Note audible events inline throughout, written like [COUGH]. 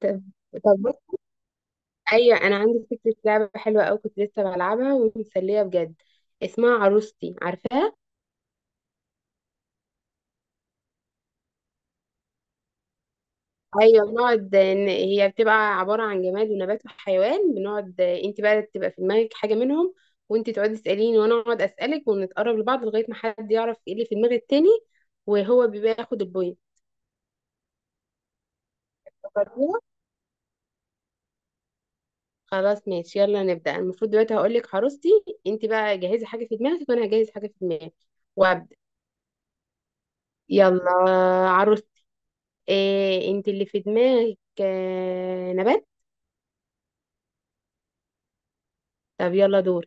طب. بص، ايوه انا عندي فكره لعبه حلوه قوي، كنت لسه بلعبها ومسليه بجد. اسمها عروستي، عارفاها؟ ايوه بنقعد هي بتبقى عباره عن جماد ونبات وحيوان. بنقعد انت بقى تبقى في دماغك حاجه منهم، وانت تقعدي تساليني وانا اقعد اسالك، ونتقرب لبعض لغايه ما حد يعرف ايه اللي في دماغ التاني، وهو بيبقى ياخد البوينت. فكرتيها؟ خلاص ماشي يلا نبدا. المفروض دلوقتي هقول لك عروستي، انت بقى جهزي حاجه في دماغك وانا هجهز حاجه في دماغي وابدا. يلا. عروستي. إيه انت اللي في دماغك؟ آه نبات. طب يلا دور.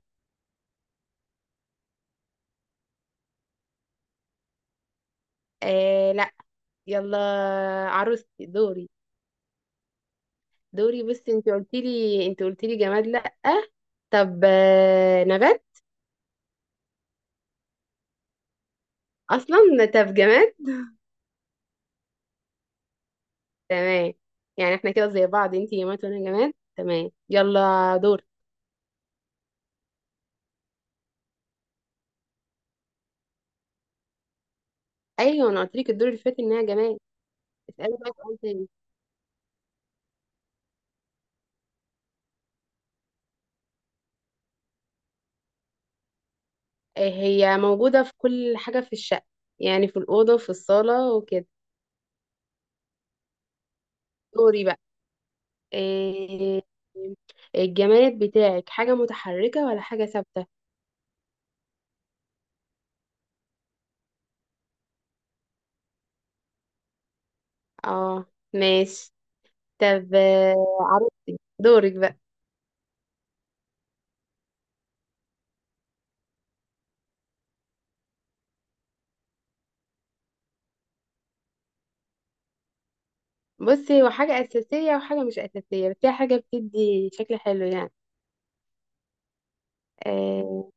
إيه لا. يلا عروستي دوري. دوري، بس انت قلت لي، انت قلت لي جماد؟ لا. طب آه نبات؟ اصلا. طب جماد؟ تمام، يعني احنا كده زي بعض، انت جماد وانا جماد. تمام يلا دور. ايوه انا قلت لك الدور اللي فات انها جماد. اسالي بقى سؤال تاني. إيه، هي موجوده في كل حاجه في الشقه، يعني في الاوضه، في الصاله وكده. دوري بقى. إيه، الجماد بتاعك حاجة متحركة ولا حاجة ثابتة؟ اه، ماشي. طب عرفتي دورك بقى. بصي هو حاجة أساسية وحاجة مش أساسية، بس هي حاجة بتدي شكل حلو يعني. آه،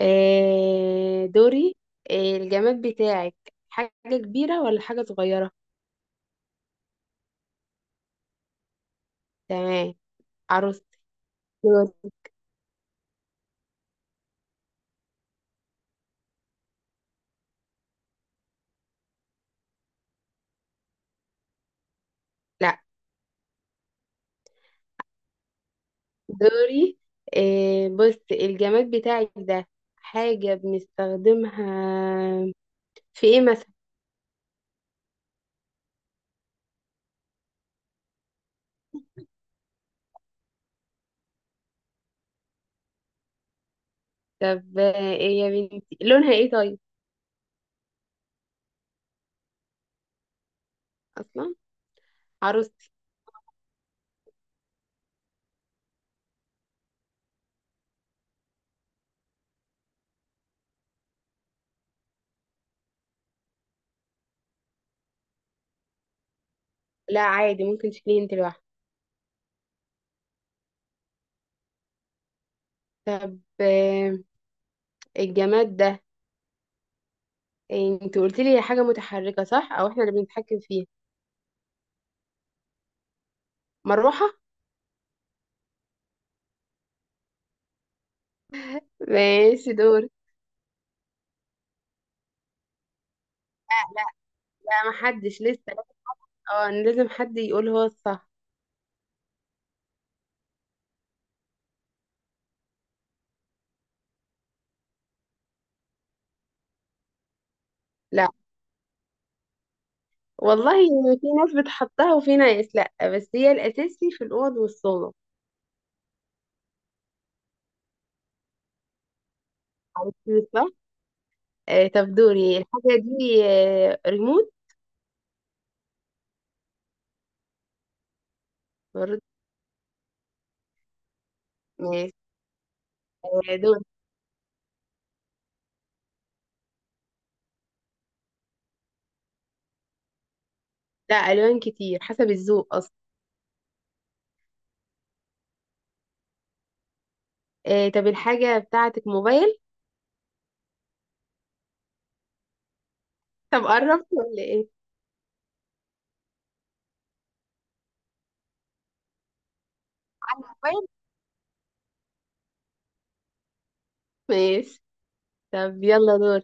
دوري. الجماد بتاعك حاجة كبيرة ولا حاجة صغيرة؟ تمام. عروستي دوري. لا دوري، بصي الجماد بتاعك ده حاجة بنستخدمها في ايه مثلا؟ طب ايه يا بنتي، لونها ايه طيب؟ اصلا. عروستي. لا عادي، ممكن تشيليه انت لوحدك. طب الجماد ده، إيه، انت قلت لي حاجه متحركه صح، او احنا اللي بنتحكم فيها؟ مروحه. ماشي دور. لا. لا ما حدش لسه. اه لازم حد يقول هو الصح. لا والله، في ناس بتحطها وفي ناس لا، بس هي الاساسي في الاوض والصالة. عرفتي صح؟ طب دوري. الحاجه دي ريموت؟ برضه. ماشي. دور. لا، الوان كتير حسب الذوق اصلا. آه طب الحاجه بتاعتك موبايل؟ طب قربت ولا ايه؟ موبايل. ماشي. طب يلا دور.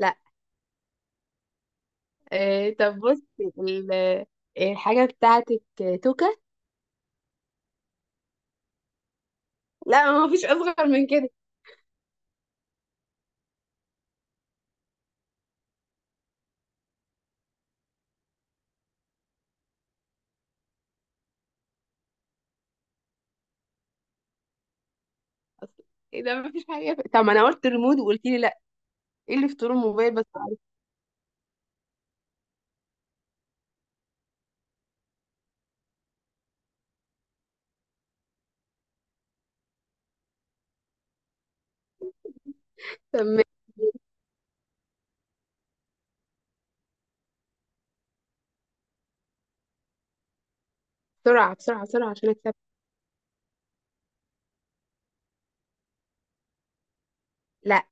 لا. آه طب بصي الحاجه بتاعتك توكه؟ لا ما فيش اصغر من كده. أصل، ايه ده ما فيش حاجه، طب ما انا قلت ريموت وقلت لي لا. ايه اللي في طول الموبايل بس؟ طب ماشي. بسرعه بسرعه بسرعه عشان اكسب. لا.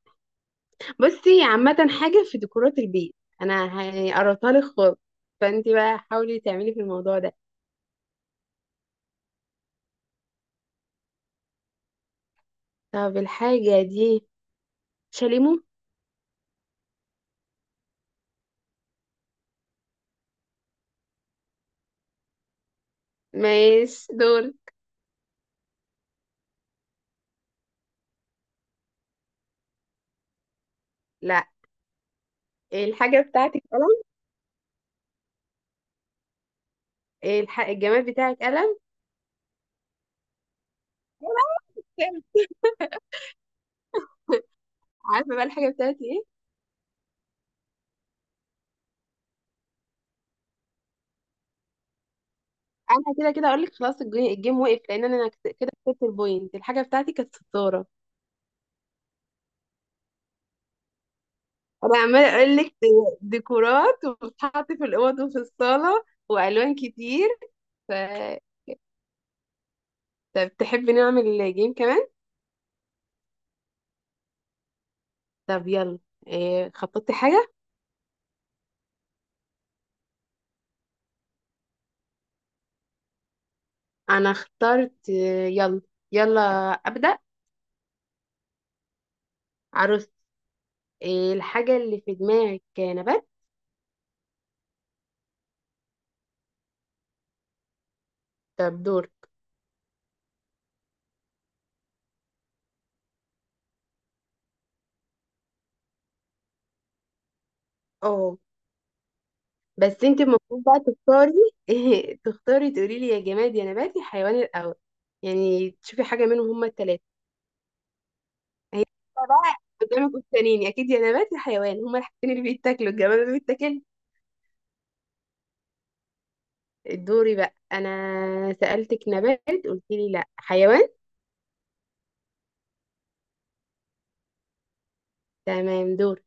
بصي، عامه حاجه في ديكورات البيت، انا هقرطها لك خالص، فانت بقى حاولي تعملي في الموضوع ده. طب الحاجة دي شاليمو؟ ماشي دول. لا. الحاجة بتاعتك قلم؟ الجماد بتاعك قلم؟ عارفة بقى الحاجة بتاعتي ايه؟ انا كده كده اقول لك خلاص، الجيم وقف، لان انا كده كسبت البوينت. الحاجة بتاعتي كانت ستارة. انا عمالة اقول لك ديكورات، وبتتحط في الاوض وفي الصالة، والوان كتير. ف... طب تحبي نعمل جيم كمان؟ طب يلا. إيه، خططتي حاجة؟ انا اخترت. يلا. يلا ابدأ. عروس. إيه الحاجة اللي في دماغك؟ نبات؟ طب دور. اه، بس انت المفروض بقى تختاري، [LAUGHS] تختاري تقولي لي يا جماد يا نبات يا حيوان الاول. يعني تشوفي حاجه منهم هما الثلاثه. هي بقى قدامك قدامين اكيد، يا نبات يا حيوان هما الحاجتين اللي بيتاكلوا، الجماد اللي بيتاكل. دوري بقى. انا سالتك نبات، قلت لي لا حيوان. تمام دور.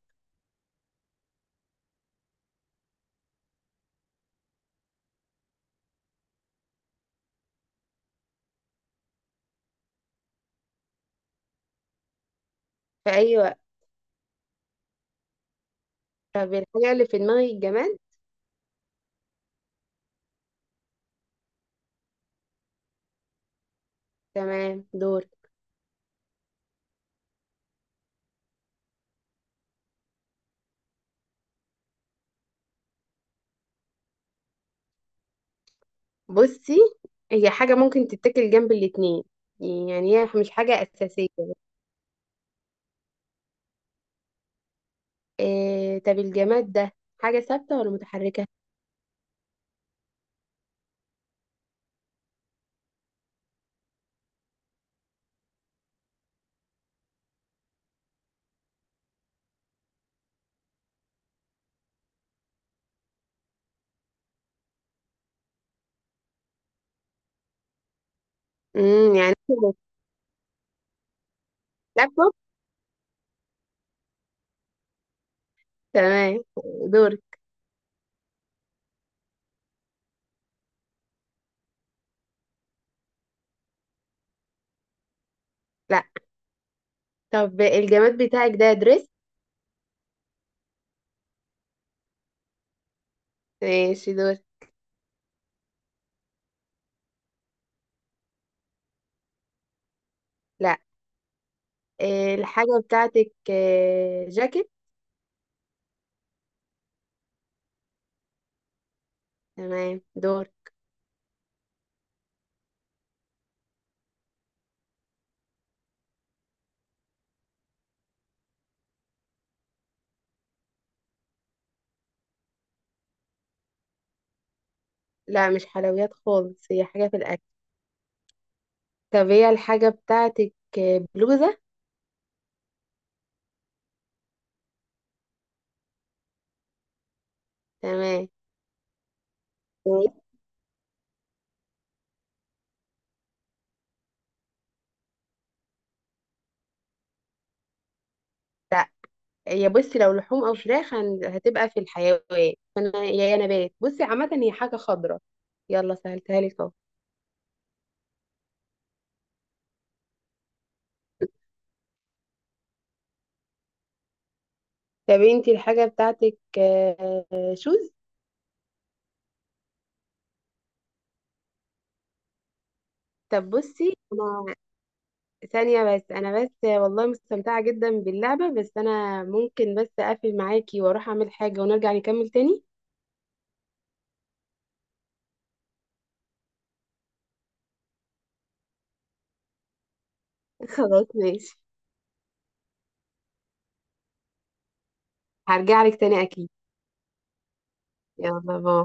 في اي وقت. طب الحاجه اللي في دماغي الجماد. تمام دور. بصي هي حاجه ممكن تتاكل جنب الاتنين، يعني هي مش حاجه اساسيه. إيه طب الجماد ده حاجة ثابتة ولا متحركة؟ يعني إنت، لابتوب؟ تمام دور. لا. طب الجماد بتاعك ده دريس؟ ماشي دور. لا. إيه الحاجة بتاعتك، إيه، جاكيت؟ تمام دور. لا مش حلويات خالص، هي حاجة في الأكل. طب هي الحاجة بتاعتك إيه، بلوزة؟ تمام. إيه؟ لا. هي بصي لو لحوم أو فراخ هتبقى في الحيوان، فأنا يا نبات. بصي عامة هي حاجة خضراء، يلا سهلتها لك اهو. طب انتي الحاجة بتاعتك شوز؟ طب بصي انا ثانية بس، انا بس والله مستمتعة جدا باللعبة، بس انا ممكن بس اقفل معاكي واروح اعمل حاجة ونرجع نكمل تاني. [LAUGHS] خلاص ماشي. هرجع لك تاني اكيد. يلا باي.